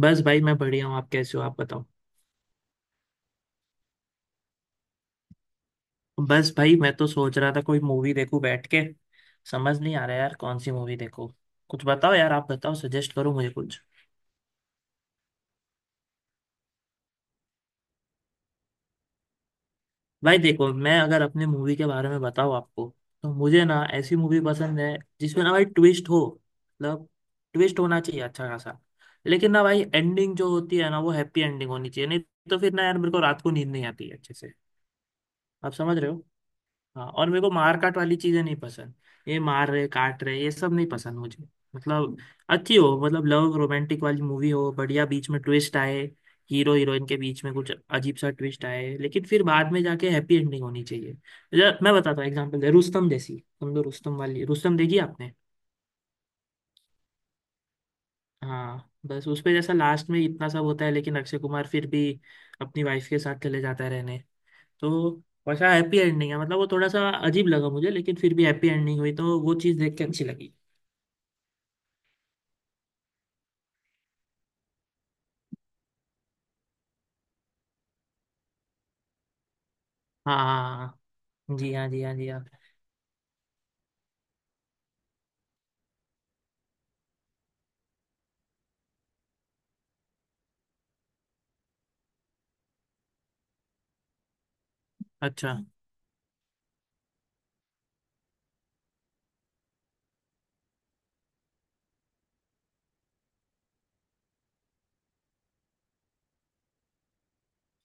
बस भाई मैं बढ़िया हूँ। आप कैसे हो, आप बताओ। बस भाई मैं तो सोच रहा था कोई मूवी देखूं बैठ के। समझ नहीं आ रहा यार कौन सी मूवी देखूं। कुछ बताओ यार, आप बताओ, सजेस्ट करो मुझे कुछ। भाई देखो, मैं अगर अपने मूवी के बारे में बताऊँ आपको तो मुझे ना ऐसी मूवी पसंद है जिसमें ना भाई ट्विस्ट हो। मतलब ट्विस्ट होना चाहिए अच्छा खासा। लेकिन ना भाई एंडिंग जो होती है ना वो हैप्पी एंडिंग होनी चाहिए, नहीं तो फिर ना यार मेरे को रात को नींद नहीं आती है अच्छे से। आप समझ रहे हो। हाँ, और मेरे को मार काट वाली चीजें नहीं पसंद। ये मार रहे काट रहे ये सब नहीं पसंद मुझे। मतलब अच्छी हो, मतलब लव रोमांटिक वाली मूवी हो, बढ़िया बीच में ट्विस्ट आए। हीरो हीरोइन के बीच में कुछ अजीब सा ट्विस्ट आए लेकिन फिर बाद में जाके हैप्पी एंडिंग होनी चाहिए। मैं बताता हूँ एग्जांपल दे, रुस्तम जैसी समझो, रुस्तम वाली, रुस्तम देखी आपने। हाँ, बस उसपे जैसा लास्ट में इतना सब होता है लेकिन अक्षय कुमार फिर भी अपनी वाइफ के साथ चले जाता है रहने। तो वैसा हैप्पी एंडिंग है, मतलब वो थोड़ा सा अजीब लगा मुझे लेकिन फिर भी हैप्पी एंडिंग हुई तो वो चीज़ देख के अच्छी लगी। हाँ हाँ हाँ, जी हाँ, जी हाँ, जी हाँ। अच्छा।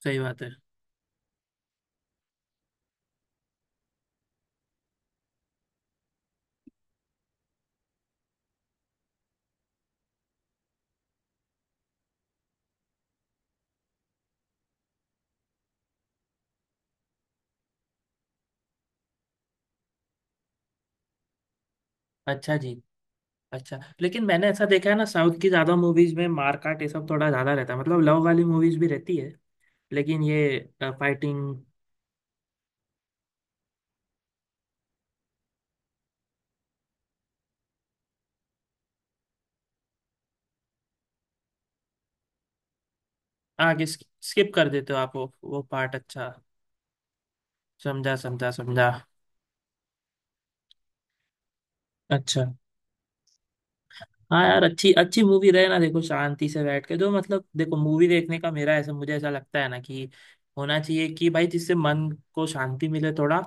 सही बात है। अच्छा जी। अच्छा लेकिन मैंने ऐसा देखा है ना, साउथ की ज़्यादा मूवीज में मार काट ये सब थोड़ा ज़्यादा रहता है। मतलब लव वाली मूवीज भी रहती है लेकिन ये फाइटिंग। आगे स्किप कर देते हो आप वो पार्ट। अच्छा। समझा समझा समझा। अच्छा। हाँ यार, अच्छी अच्छी मूवी रहे ना देखो, शांति से बैठ के जो, मतलब देखो मूवी देखने का मेरा ऐसा, मुझे ऐसा लगता है ना कि होना चाहिए कि भाई जिससे मन को शांति मिले थोड़ा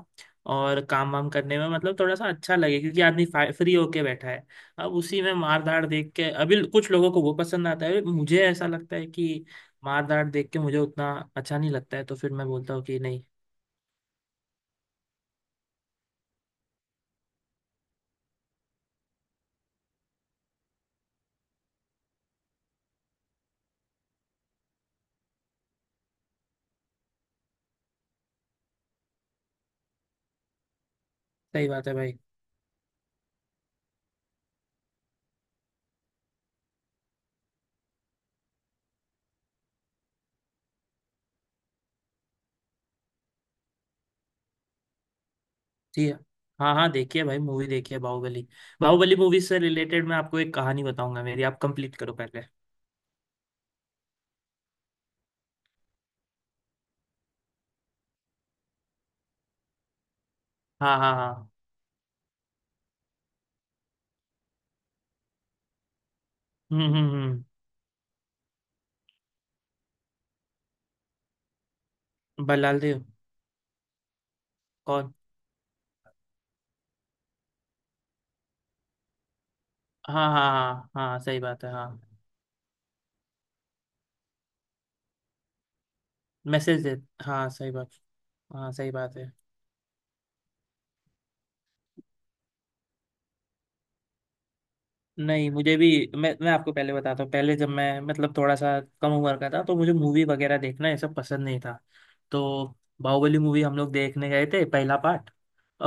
और काम वाम करने में मतलब थोड़ा सा अच्छा लगे, क्योंकि आदमी फ्री होके बैठा है। अब उसी में मार धाड़ देख के, अभी कुछ लोगों को वो पसंद आता है, मुझे ऐसा लगता है कि मार धाड़ देख के मुझे उतना अच्छा नहीं लगता है, तो फिर मैं बोलता हूँ कि नहीं। सही बात है भाई। जी। हाँ हाँ, देखिए भाई, मूवी देखिए बाहुबली। बाहुबली मूवी से रिलेटेड मैं आपको एक कहानी बताऊंगा मेरी, आप कंप्लीट करो पहले। हाँ हाँ हाँ। हम्म। बल्लाल देव। कौन। हाँ हाँ हाँ हाँ, सही बात है, हाँ। मैसेज दे। हाँ, सही बात। हाँ, सही बात है। नहीं, मुझे भी। मैं आपको पहले बताता हूँ, पहले जब मैं मतलब थोड़ा सा कम उम्र का था तो मुझे मूवी वगैरह देखना ये सब पसंद नहीं था। तो बाहुबली मूवी हम लोग देखने गए थे, पहला पार्ट।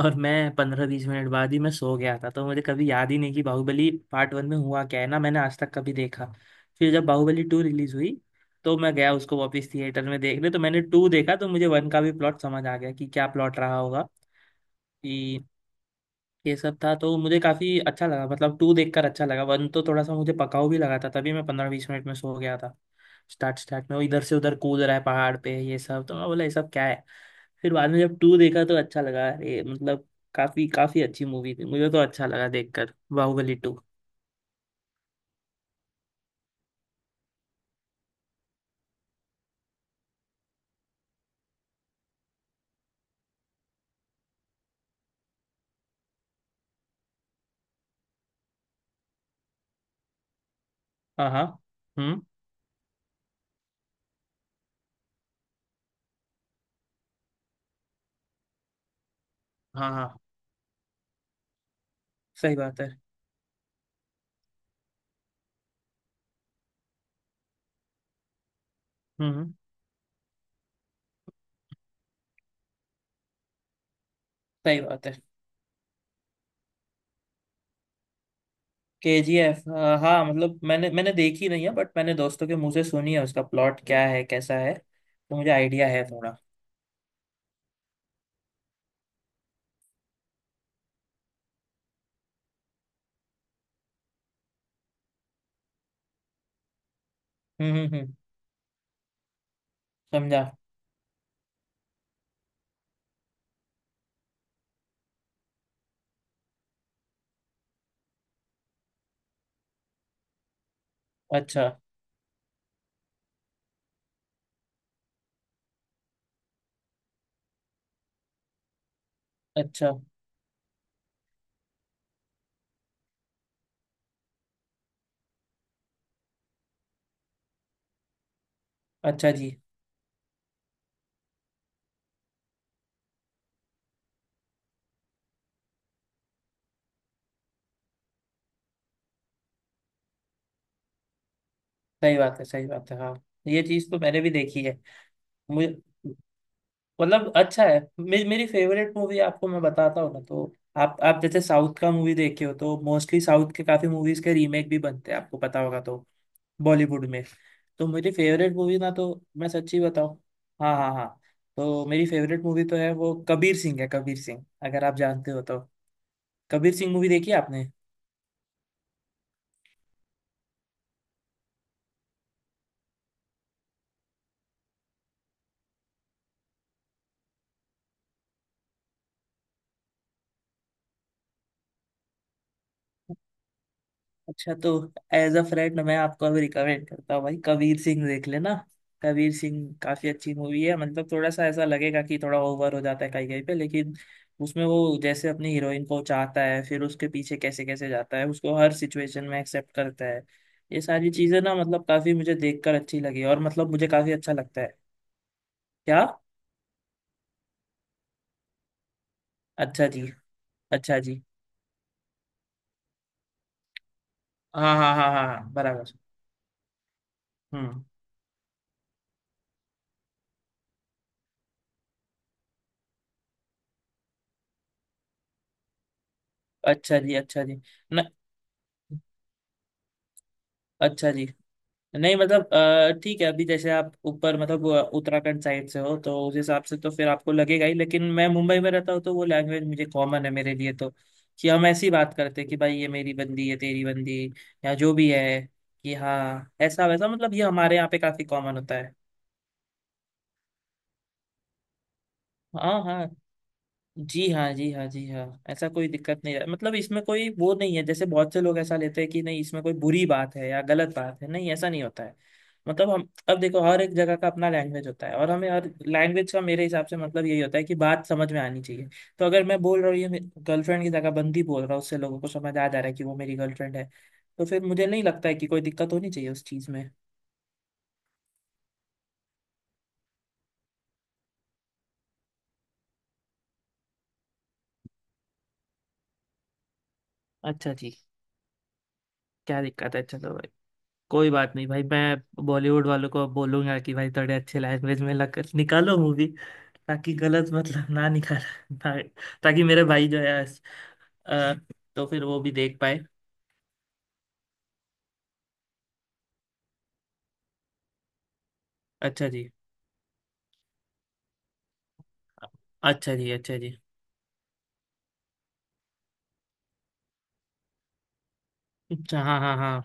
और मैं 15-20 मिनट बाद ही मैं सो गया था, तो मुझे कभी याद ही नहीं कि बाहुबली पार्ट वन में हुआ क्या है ना, मैंने आज तक कभी देखा। फिर जब बाहुबली 2 रिलीज हुई तो मैं गया उसको वापस थिएटर में देखने, तो मैंने टू देखा तो मुझे वन का भी प्लॉट समझ आ गया कि क्या प्लॉट रहा होगा, ये सब था। तो मुझे काफी अच्छा लगा, मतलब टू देखकर अच्छा लगा। वन तो थोड़ा सा मुझे पकाऊ भी लगा था, तभी मैं 15-20 मिनट में सो गया था। स्टार्ट स्टार्ट में वो इधर से उधर कूद रहा है पहाड़ पे ये सब, तो मैं बोला ये सब क्या है। फिर बाद में जब टू देखा तो अच्छा लगा, अरे मतलब काफी काफी अच्छी मूवी थी, मुझे तो अच्छा लगा देखकर बाहुबली 2। हाँ हाँ। हम्म। हाँ हाँ, सही बात है। हम्म हम्म, सही बात है। KGF। हाँ, मतलब मैंने मैंने देखी नहीं है बट मैंने दोस्तों के मुंह से सुनी है उसका प्लॉट क्या है, कैसा है, तो मुझे आइडिया है थोड़ा। हम्म हम्म हम्म, समझा। अच्छा। अच्छा। अच्छा जी। सही बात है, सही बात है, हाँ। ये चीज तो मैंने भी देखी है मुझे। मतलब अच्छा है, मेरी फेवरेट मूवी आपको मैं बताता हूँ ना तो। आप जैसे साउथ का मूवी देखे हो तो मोस्टली साउथ के काफी मूवीज के रीमेक भी बनते हैं, आपको पता होगा तो, बॉलीवुड में। तो मेरी फेवरेट मूवी ना तो मैं सच्ची बताऊँ। हाँ हाँ हाँ। तो मेरी फेवरेट मूवी तो है वो कबीर सिंह है। कबीर सिंह अगर आप जानते हो तो, कबीर सिंह मूवी देखी है आपने। अच्छा, तो एज अ फ्रेंड मैं आपको अभी रिकमेंड करता हूँ भाई, कबीर सिंह देख लेना। कबीर सिंह काफी अच्छी मूवी है। मतलब थोड़ा सा ऐसा लगेगा कि थोड़ा ओवर हो जाता है कहीं कहीं पे, लेकिन उसमें वो जैसे अपनी हीरोइन को चाहता है फिर उसके पीछे कैसे कैसे जाता है, उसको हर सिचुएशन में एक्सेप्ट करता है, ये सारी चीजें ना, मतलब काफी मुझे देखकर अच्छी लगी, और मतलब मुझे काफी अच्छा लगता है। क्या। अच्छा जी। अच्छा जी। हाँ हाँ हाँ हाँ हाँ, बराबर। हम्म। अच्छा जी। अच्छा जी। न अच्छा जी। नहीं मतलब ठीक है, अभी जैसे आप ऊपर मतलब उत्तराखंड साइड से हो, तो उस हिसाब से तो फिर आपको लगेगा ही। लेकिन मैं मुंबई में रहता हूँ तो वो लैंग्वेज मुझे कॉमन है, मेरे लिए तो, कि हम ऐसी बात करते हैं कि भाई ये मेरी बंदी है, तेरी बंदी, या जो भी है, कि हाँ ऐसा वैसा। मतलब ये हमारे यहाँ पे काफी कॉमन होता है। हाँ हाँ, जी हाँ, जी हाँ, जी हाँ, ऐसा कोई दिक्कत नहीं है। मतलब इसमें कोई वो नहीं है, जैसे बहुत से लोग ऐसा लेते हैं कि नहीं इसमें कोई बुरी बात है या गलत बात है, नहीं ऐसा नहीं होता है। मतलब हम, अब देखो हर एक जगह का अपना लैंग्वेज होता है, और हमें हर लैंग्वेज का, मेरे हिसाब से मतलब यही होता है कि बात समझ में आनी चाहिए। तो अगर मैं बोल रहा हूँ ये, गर्लफ्रेंड की जगह बंदी बोल रहा हूँ, उससे लोगों को समझ आ जा रहा है कि वो मेरी गर्लफ्रेंड है। तो फिर मुझे नहीं लगता है कि कोई दिक्कत होनी चाहिए उस चीज़ में। अच्छा जी। क्या दिक्कत है, चलो, कोई बात नहीं भाई, मैं बॉलीवुड वालों को बोलूंगा कि भाई थोड़े अच्छे लैंग्वेज में निकालो मूवी, ताकि गलत मतलब ना निकाल ना- ताकि मेरे भाई जो है, अ, तो फिर वो भी देख पाए। अच्छा जी। अच्छा जी। अच्छा जी। अच्छा। हाँ हाँ हाँ।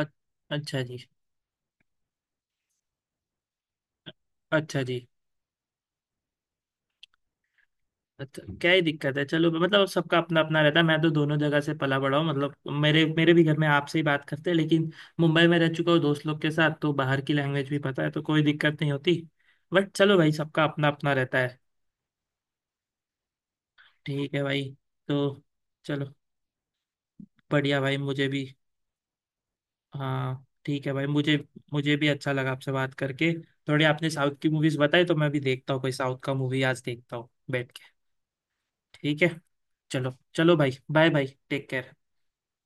अ- अच्छा जी। अच्छा जी। अच्छा क्या ही दिक्कत है, चलो, मतलब सबका अपना अपना रहता है। मैं तो दोनों जगह से पला बड़ा हूँ। मतलब मेरे मेरे भी घर में आपसे ही बात करते हैं, लेकिन मुंबई में रह चुका हूँ दोस्त लोग के साथ तो बाहर की लैंग्वेज भी पता है, तो कोई दिक्कत नहीं होती। बट चलो भाई, सबका अपना अपना रहता है। ठीक है भाई। तो चलो। बढ़िया भाई, मुझे भी। हाँ, ठीक है भाई, मुझे, मुझे भी अच्छा लगा आपसे बात करके। थोड़ी आपने साउथ की मूवीज बताई तो मैं भी देखता हूँ, कोई साउथ का मूवी आज देखता हूँ बैठ के। ठीक है। चलो चलो भाई, बाय बाय, टेक केयर।